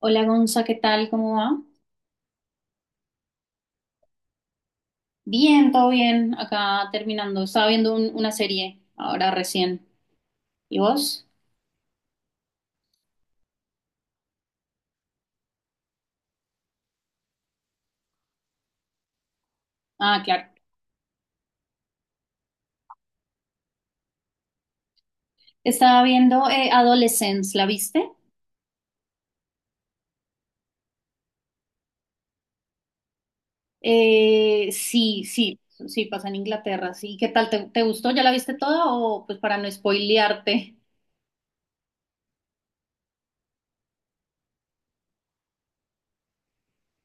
Hola Gonza, ¿qué tal? ¿Cómo va? Bien, todo bien. Acá terminando. Estaba viendo una serie ahora recién. ¿Y vos? Ah, claro. Estaba viendo Adolescence, ¿la viste? Sí, sí, sí, pasa en Inglaterra. Sí, ¿qué tal? ¿Te gustó? ¿Ya la viste toda? O pues para no spoilearte.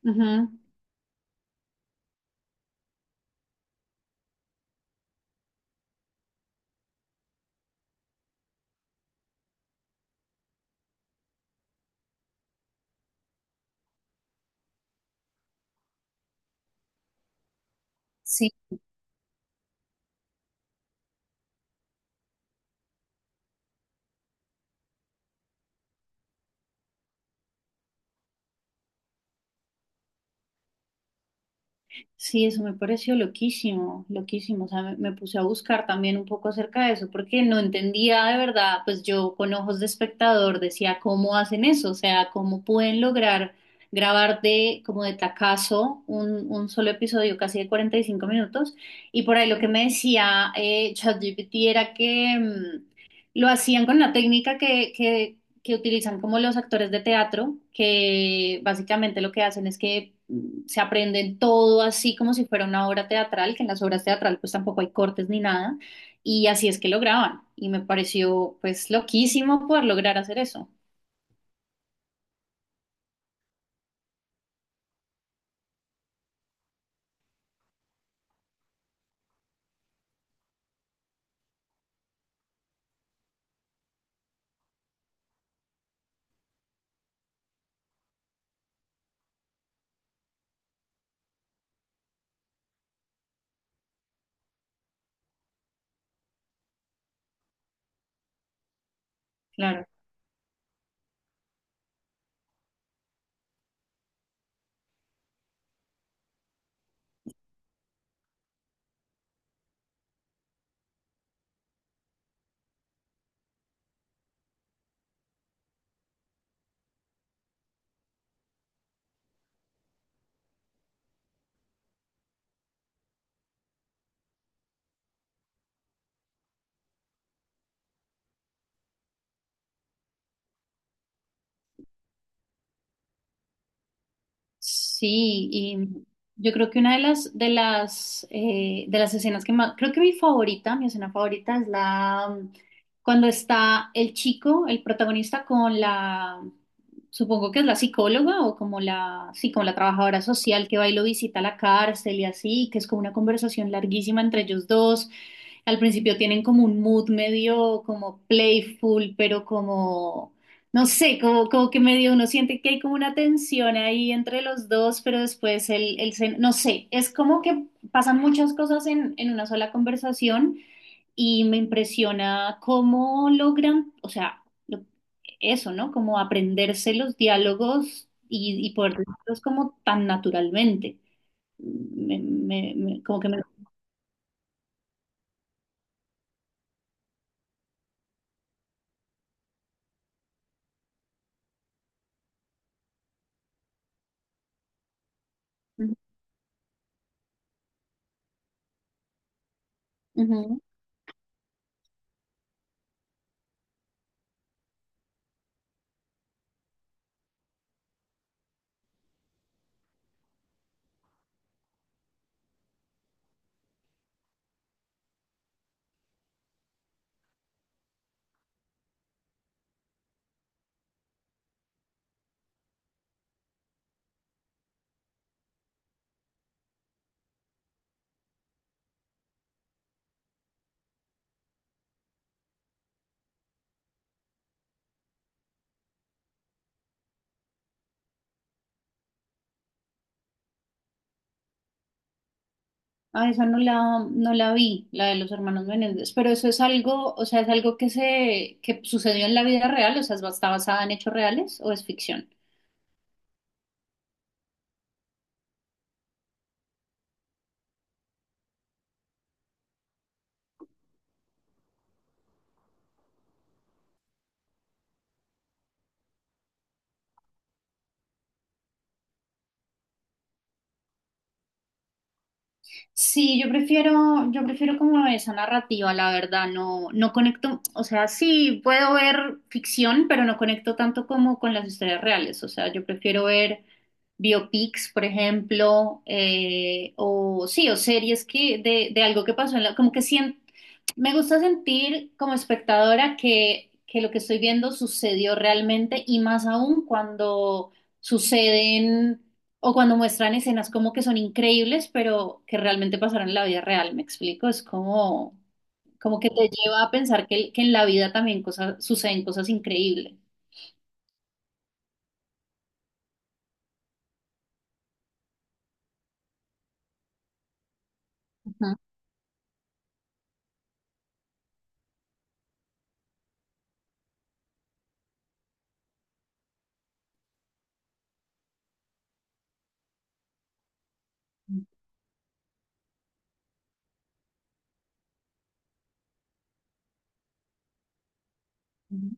Ujú. Sí. Sí, eso me pareció loquísimo, loquísimo. O sea, me puse a buscar también un poco acerca de eso, porque no entendía de verdad, pues yo con ojos de espectador decía, ¿cómo hacen eso? O sea, ¿cómo pueden lograr grabar de como de tacazo un solo episodio casi de 45 minutos? Y por ahí lo que me decía ChatGPT era que lo hacían con la técnica que utilizan como los actores de teatro, que básicamente lo que hacen es que se aprenden todo así como si fuera una obra teatral, que en las obras teatral pues tampoco hay cortes ni nada, y así es que lo graban, y me pareció pues loquísimo poder lograr hacer eso. Claro. Sí, y yo creo que una de las escenas que más, creo que mi favorita, mi escena favorita es la cuando está el chico, el protagonista con la, supongo que es la psicóloga o como la, sí, como la trabajadora social que va y lo visita a la cárcel y así, que es como una conversación larguísima entre ellos dos. Al principio tienen como un mood medio como playful, pero como no sé, como que medio uno siente que hay como una tensión ahí entre los dos, pero después el no sé, es como que pasan muchas cosas en una sola conversación y me impresiona cómo logran, o sea, lo- eso, ¿no? Como aprenderse los diálogos y poder decirlos como tan naturalmente. Como que me... Ujú. Ah, esa no la, no la vi, la de los hermanos Menéndez, pero eso es algo, o sea, es algo que sucedió en la vida real, o sea, ¿está basada en hechos reales o es ficción? Sí, yo prefiero como esa narrativa, la verdad, no, no conecto, o sea, sí, puedo ver ficción, pero no conecto tanto como con las historias reales, o sea, yo prefiero ver biopics, por ejemplo, o sí, o series que de algo que pasó en la, como que siento, me gusta sentir como espectadora que lo que estoy viendo sucedió realmente y más aún cuando suceden o cuando muestran escenas como que son increíbles, pero que realmente pasaron en la vida real, ¿me explico? Es como que te lleva a pensar que en la vida también cosas, suceden cosas increíbles. Ujú. Ujú.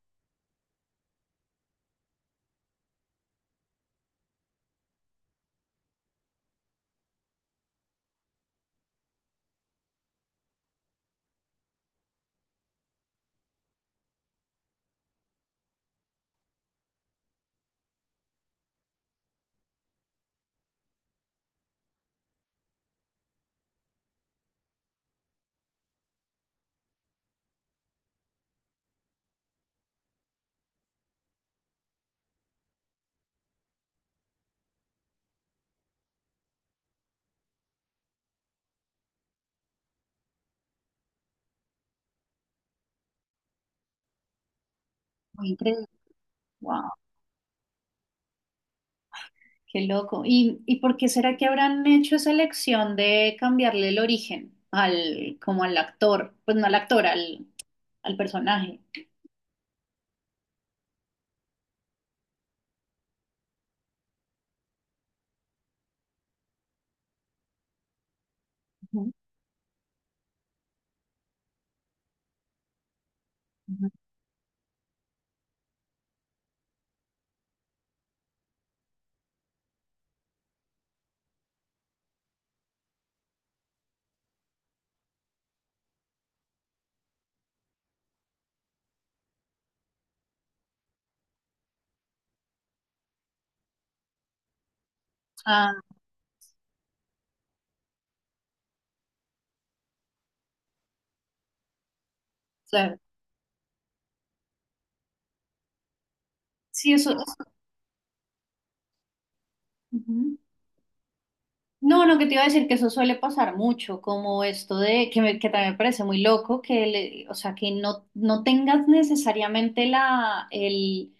Muy increíble. Wow, qué loco. ¿Y por qué será que habrán hecho esa elección de cambiarle el origen al, como al actor? Pues no al actor, al personaje. Ujú, ujú. Ah, claro. Sí, eso es. No, lo que te iba a decir que eso suele pasar mucho, como esto de que, que también me parece muy loco, que o sea, que no, no tengas necesariamente la, el,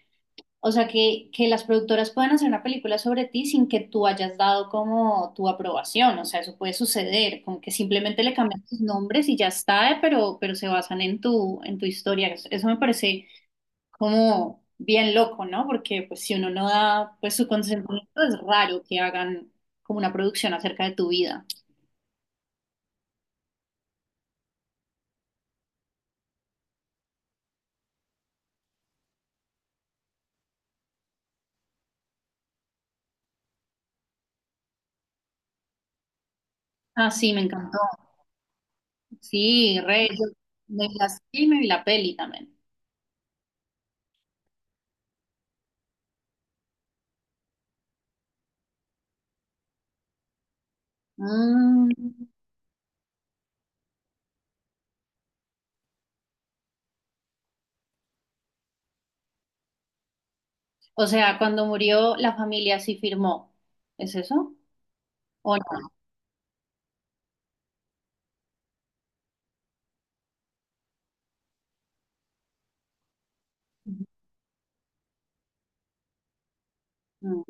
o sea, que las productoras puedan hacer una película sobre ti sin que tú hayas dado como tu aprobación, o sea, eso puede suceder, como que simplemente le cambian tus nombres y ya está, pero se basan en tu, historia. Eso me parece como bien loco, ¿no? Porque pues si uno no da pues su consentimiento es raro que hagan como una producción acerca de tu vida. Ah, sí, me encantó. Sí, re, yo me vi la, sí, me vi la peli también. Mm, O sea, cuando murió la familia sí firmó. ¿Es eso? ¿O no? Mm.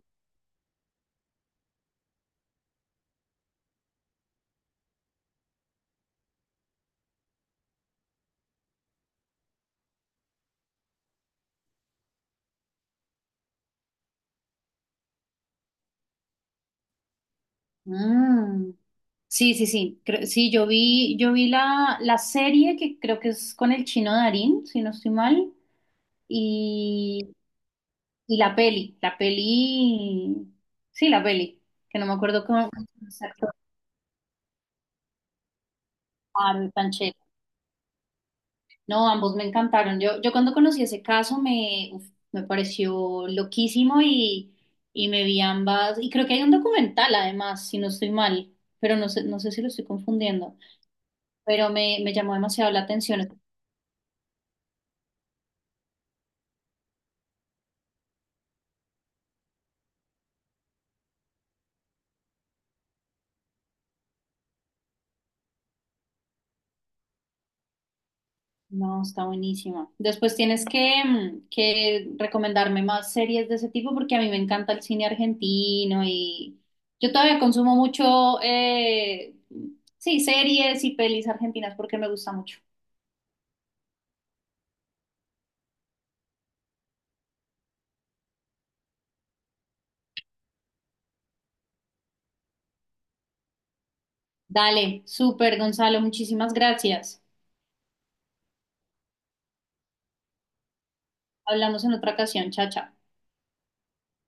Mm. Sí, sí, sí. Sí, yo vi la serie que creo que es con el chino Darín, si no estoy mal. y Y la peli, sí, la peli, que no me acuerdo cómo exacto, Harold Panchero. No, ambos me encantaron. Yo cuando conocí ese caso uf, me pareció loquísimo y me vi ambas. Y creo que hay un documental además, si no estoy mal, pero no sé, no sé si lo estoy confundiendo. Pero me llamó demasiado la atención. No, está buenísima. Después tienes que recomendarme más series de ese tipo porque a mí me encanta el cine argentino y yo todavía consumo mucho, sí, series y pelis argentinas porque me gusta mucho. Dale, súper, Gonzalo, muchísimas gracias. Hablamos en otra ocasión, chacha.